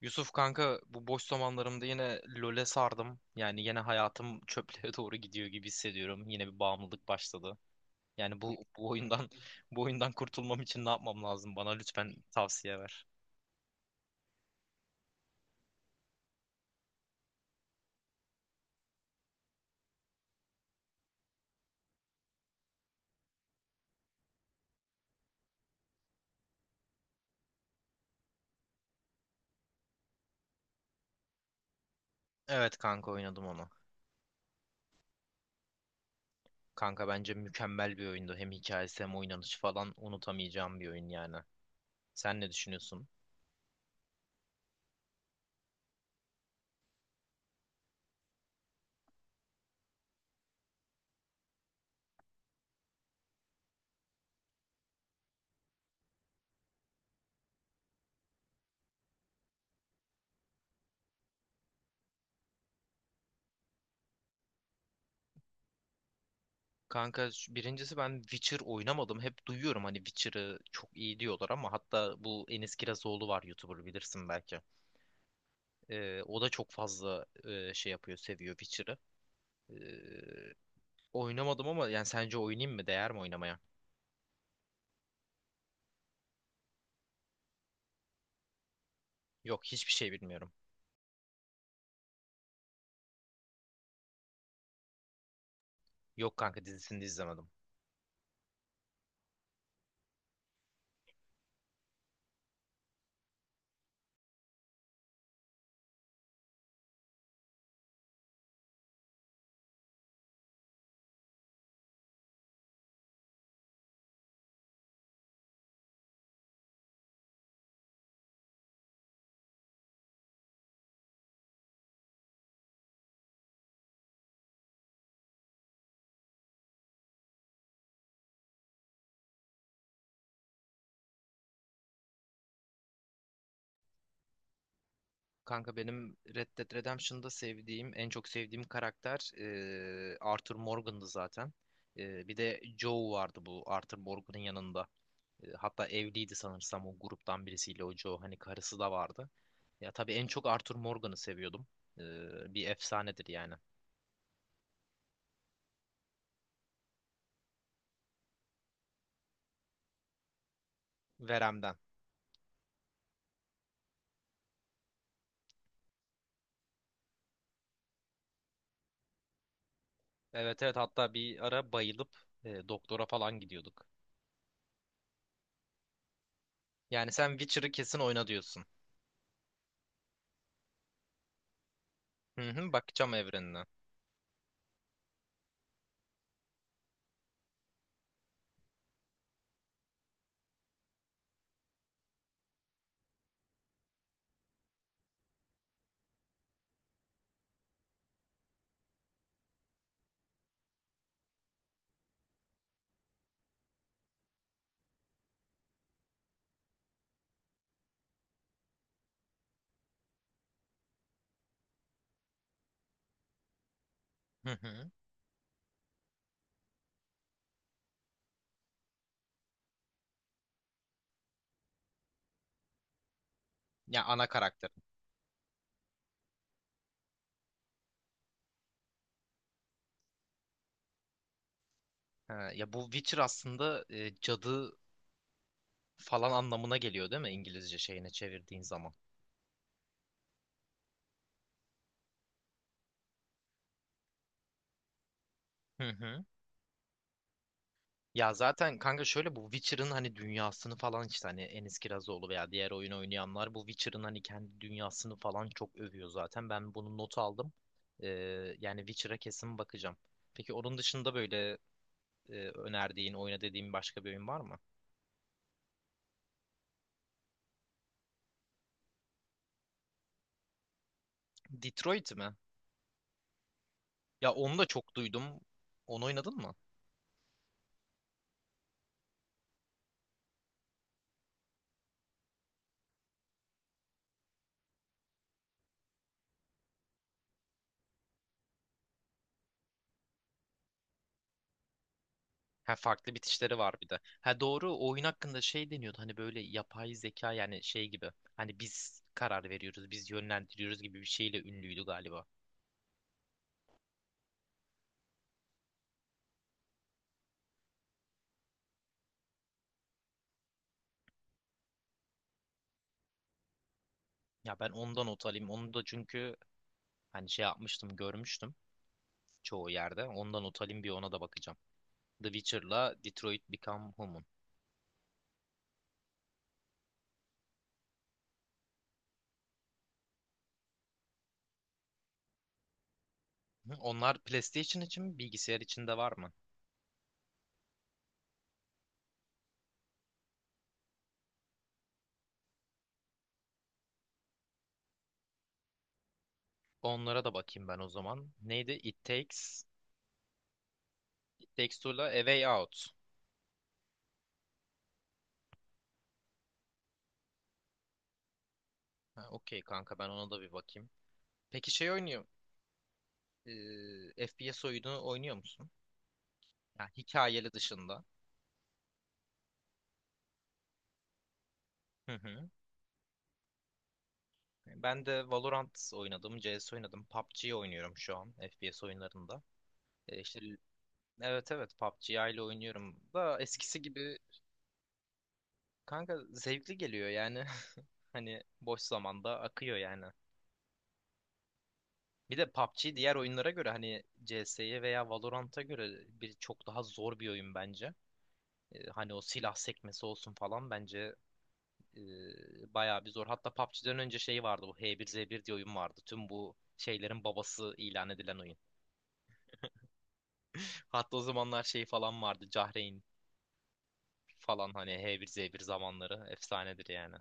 Yusuf kanka bu boş zamanlarımda yine LoL'e sardım. Yani yine hayatım çöplüğe doğru gidiyor gibi hissediyorum. Yine bir bağımlılık başladı. Yani bu oyundan bu oyundan kurtulmam için ne yapmam lazım? Bana lütfen tavsiye ver. Evet kanka oynadım onu. Kanka bence mükemmel bir oyundu. Hem hikayesi hem oynanışı falan unutamayacağım bir oyun yani. Sen ne düşünüyorsun? Kanka birincisi ben Witcher oynamadım. Hep duyuyorum hani Witcher'ı çok iyi diyorlar ama hatta bu Enis Kirazoğlu var, YouTuber, bilirsin belki. O da çok fazla şey yapıyor, seviyor Witcher'ı. Ee, Oynamadım ama yani sence oynayayım mı? Değer mi oynamaya? Yok, hiçbir şey bilmiyorum. Yok kanka, dizisini de izlemedim. Kanka benim Red Dead Redemption'da sevdiğim, en çok sevdiğim karakter Arthur Morgan'dı zaten. E, bir de Joe vardı bu Arthur Morgan'ın yanında. E, hatta evliydi sanırsam o gruptan birisiyle o Joe. Hani karısı da vardı. Ya tabii en çok Arthur Morgan'ı seviyordum. E, Bir efsanedir yani. Verem'den. Evet, evet, hatta bir ara bayılıp doktora falan gidiyorduk. Yani sen Witcher'ı kesin oyna diyorsun. Hı hı, bakacağım evrenine. Hı hı. Ya ana karakter. Ha, ya bu Witcher aslında cadı falan anlamına geliyor değil mi, İngilizce şeyine çevirdiğin zaman? Hı hı. Ya zaten kanka şöyle, bu Witcher'ın hani dünyasını falan işte, hani Enis Kirazoğlu veya diğer oyun oynayanlar bu Witcher'ın hani kendi dünyasını falan çok övüyor zaten. Ben bunu not aldım. Ee, Yani Witcher'a kesin bakacağım. Peki onun dışında böyle önerdiğin, oyna dediğin başka bir oyun var mı? Detroit mi? Ya onu da çok duydum. Onu oynadın mı? Ha, farklı bitişleri var bir de. Ha doğru, o oyun hakkında şey deniyordu, hani böyle yapay zeka yani şey gibi. Hani biz karar veriyoruz, biz yönlendiriyoruz gibi bir şeyle ünlüydü galiba. Ya ben ondan not alayım. Onu da, çünkü hani şey yapmıştım, görmüştüm çoğu yerde. Ondan not alayım, bir ona da bakacağım. The Witcher'la Detroit Become Human. Hı, onlar PlayStation için mi, bilgisayar için de var mı? Onlara da bakayım ben o zaman. Neydi? It Takes. It Takes Two'la A Way Out. Ha, okey kanka, ben ona da bir bakayım. Peki şey oynuyor. FPS oyunu oynuyor musun? Ha, hikayeli dışında. Hı hı. Ben de Valorant oynadım, CS oynadım, PUBG oynuyorum şu an FPS oyunlarında. İşte evet, evet, PUBG ile oynuyorum da eskisi gibi kanka zevkli geliyor yani. Hani boş zamanda akıyor yani. Bir de PUBG diğer oyunlara göre, hani CS'ye veya Valorant'a göre bir çok daha zor bir oyun bence. Hani o silah sekmesi olsun falan, bence bayağı bir zor. Hatta PUBG'den önce şey vardı, bu H1Z1 diye oyun vardı. Tüm bu şeylerin babası ilan edilen oyun. Hatta o zamanlar şey falan vardı, Cahreyn falan, hani H1Z1 zamanları efsanedir yani.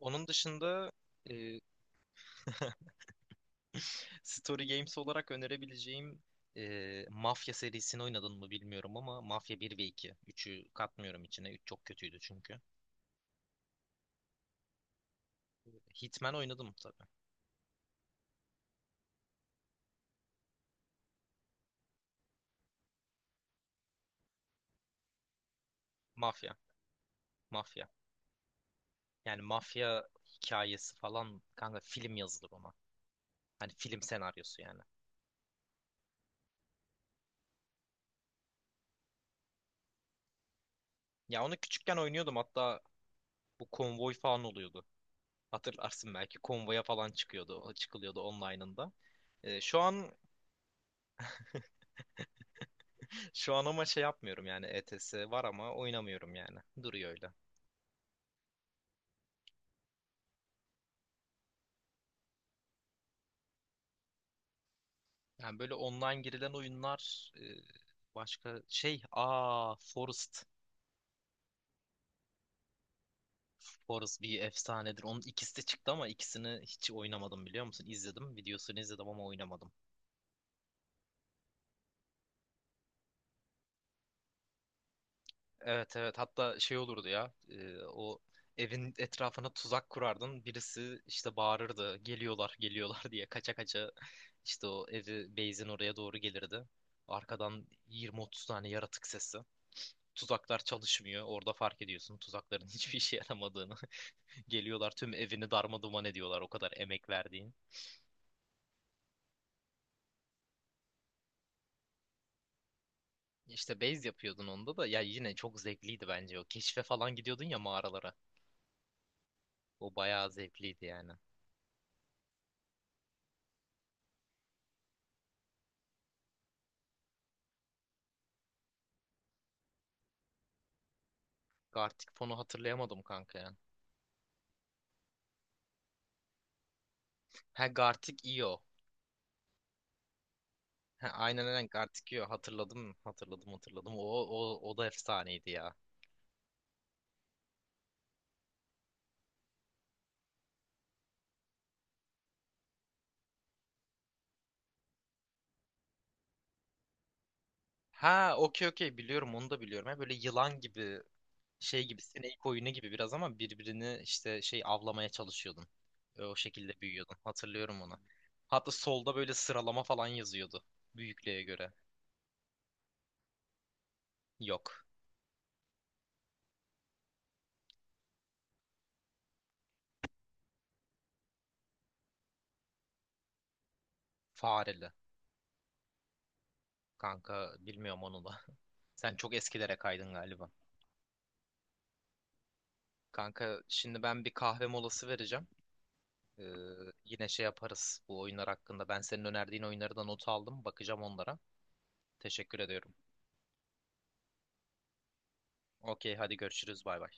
Onun dışında e, Story Games olarak önerebileceğim Mafya serisini oynadın mı bilmiyorum ama Mafya bir ve iki, üçü katmıyorum içine. Üç çok kötüydü çünkü. Hitman oynadım tabii. Mafya. Mafya. Yani mafya hikayesi falan, kanka film yazılır ona. Hani film senaryosu yani. Ya onu küçükken oynuyordum, hatta bu konvoy falan oluyordu. Hatırlarsın belki, konvoya falan çıkıyordu. O çıkılıyordu online'ında. Şu an şu an ama şey yapmıyorum yani, ETS var ama oynamıyorum yani. Duruyor öyle. Yani böyle online girilen oyunlar, başka şey, aa, Forest. Forest bir efsanedir. Onun ikisi de çıktı ama ikisini hiç oynamadım, biliyor musun? İzledim. Videosunu izledim ama oynamadım. Evet, evet, hatta şey olurdu ya, o evin etrafına tuzak kurardın. Birisi işte bağırırdı, geliyorlar geliyorlar diye, kaça kaça işte o evi, base'in oraya doğru gelirdi. Arkadan 20 30 tane yaratık sesi. Tuzaklar çalışmıyor. Orada fark ediyorsun tuzakların hiçbir işe yaramadığını. Geliyorlar, tüm evini darmaduman ediyorlar, o kadar emek verdiğin. İşte base yapıyordun onda da, ya yine çok zevkliydi bence o. Keşfe falan gidiyordun ya, mağaralara. O bayağı zevkliydi yani. Gartic fonu hatırlayamadım kanka ya. Ha, Gartic Io. Ha, aynen, aynen, Gartic Io, hatırladım, hatırladım, hatırladım. O da efsaneydi ya. Ha, okey, okey, biliyorum, onu da biliyorum. Ha, böyle yılan gibi, şey gibi, sinek oyunu gibi biraz ama birbirini işte şey avlamaya çalışıyordun. Ve o şekilde büyüyordun. Hatırlıyorum onu. Hatta solda böyle sıralama falan yazıyordu. Büyüklüğe göre. Yok. Fareli. Kanka bilmiyorum onu da. Sen çok eskilere kaydın galiba. Kanka şimdi ben bir kahve molası vereceğim. Ee, Yine şey yaparız bu oyunlar hakkında. Ben senin önerdiğin oyunları da not aldım. Bakacağım onlara. Teşekkür ediyorum. Okey, hadi görüşürüz, bay bay.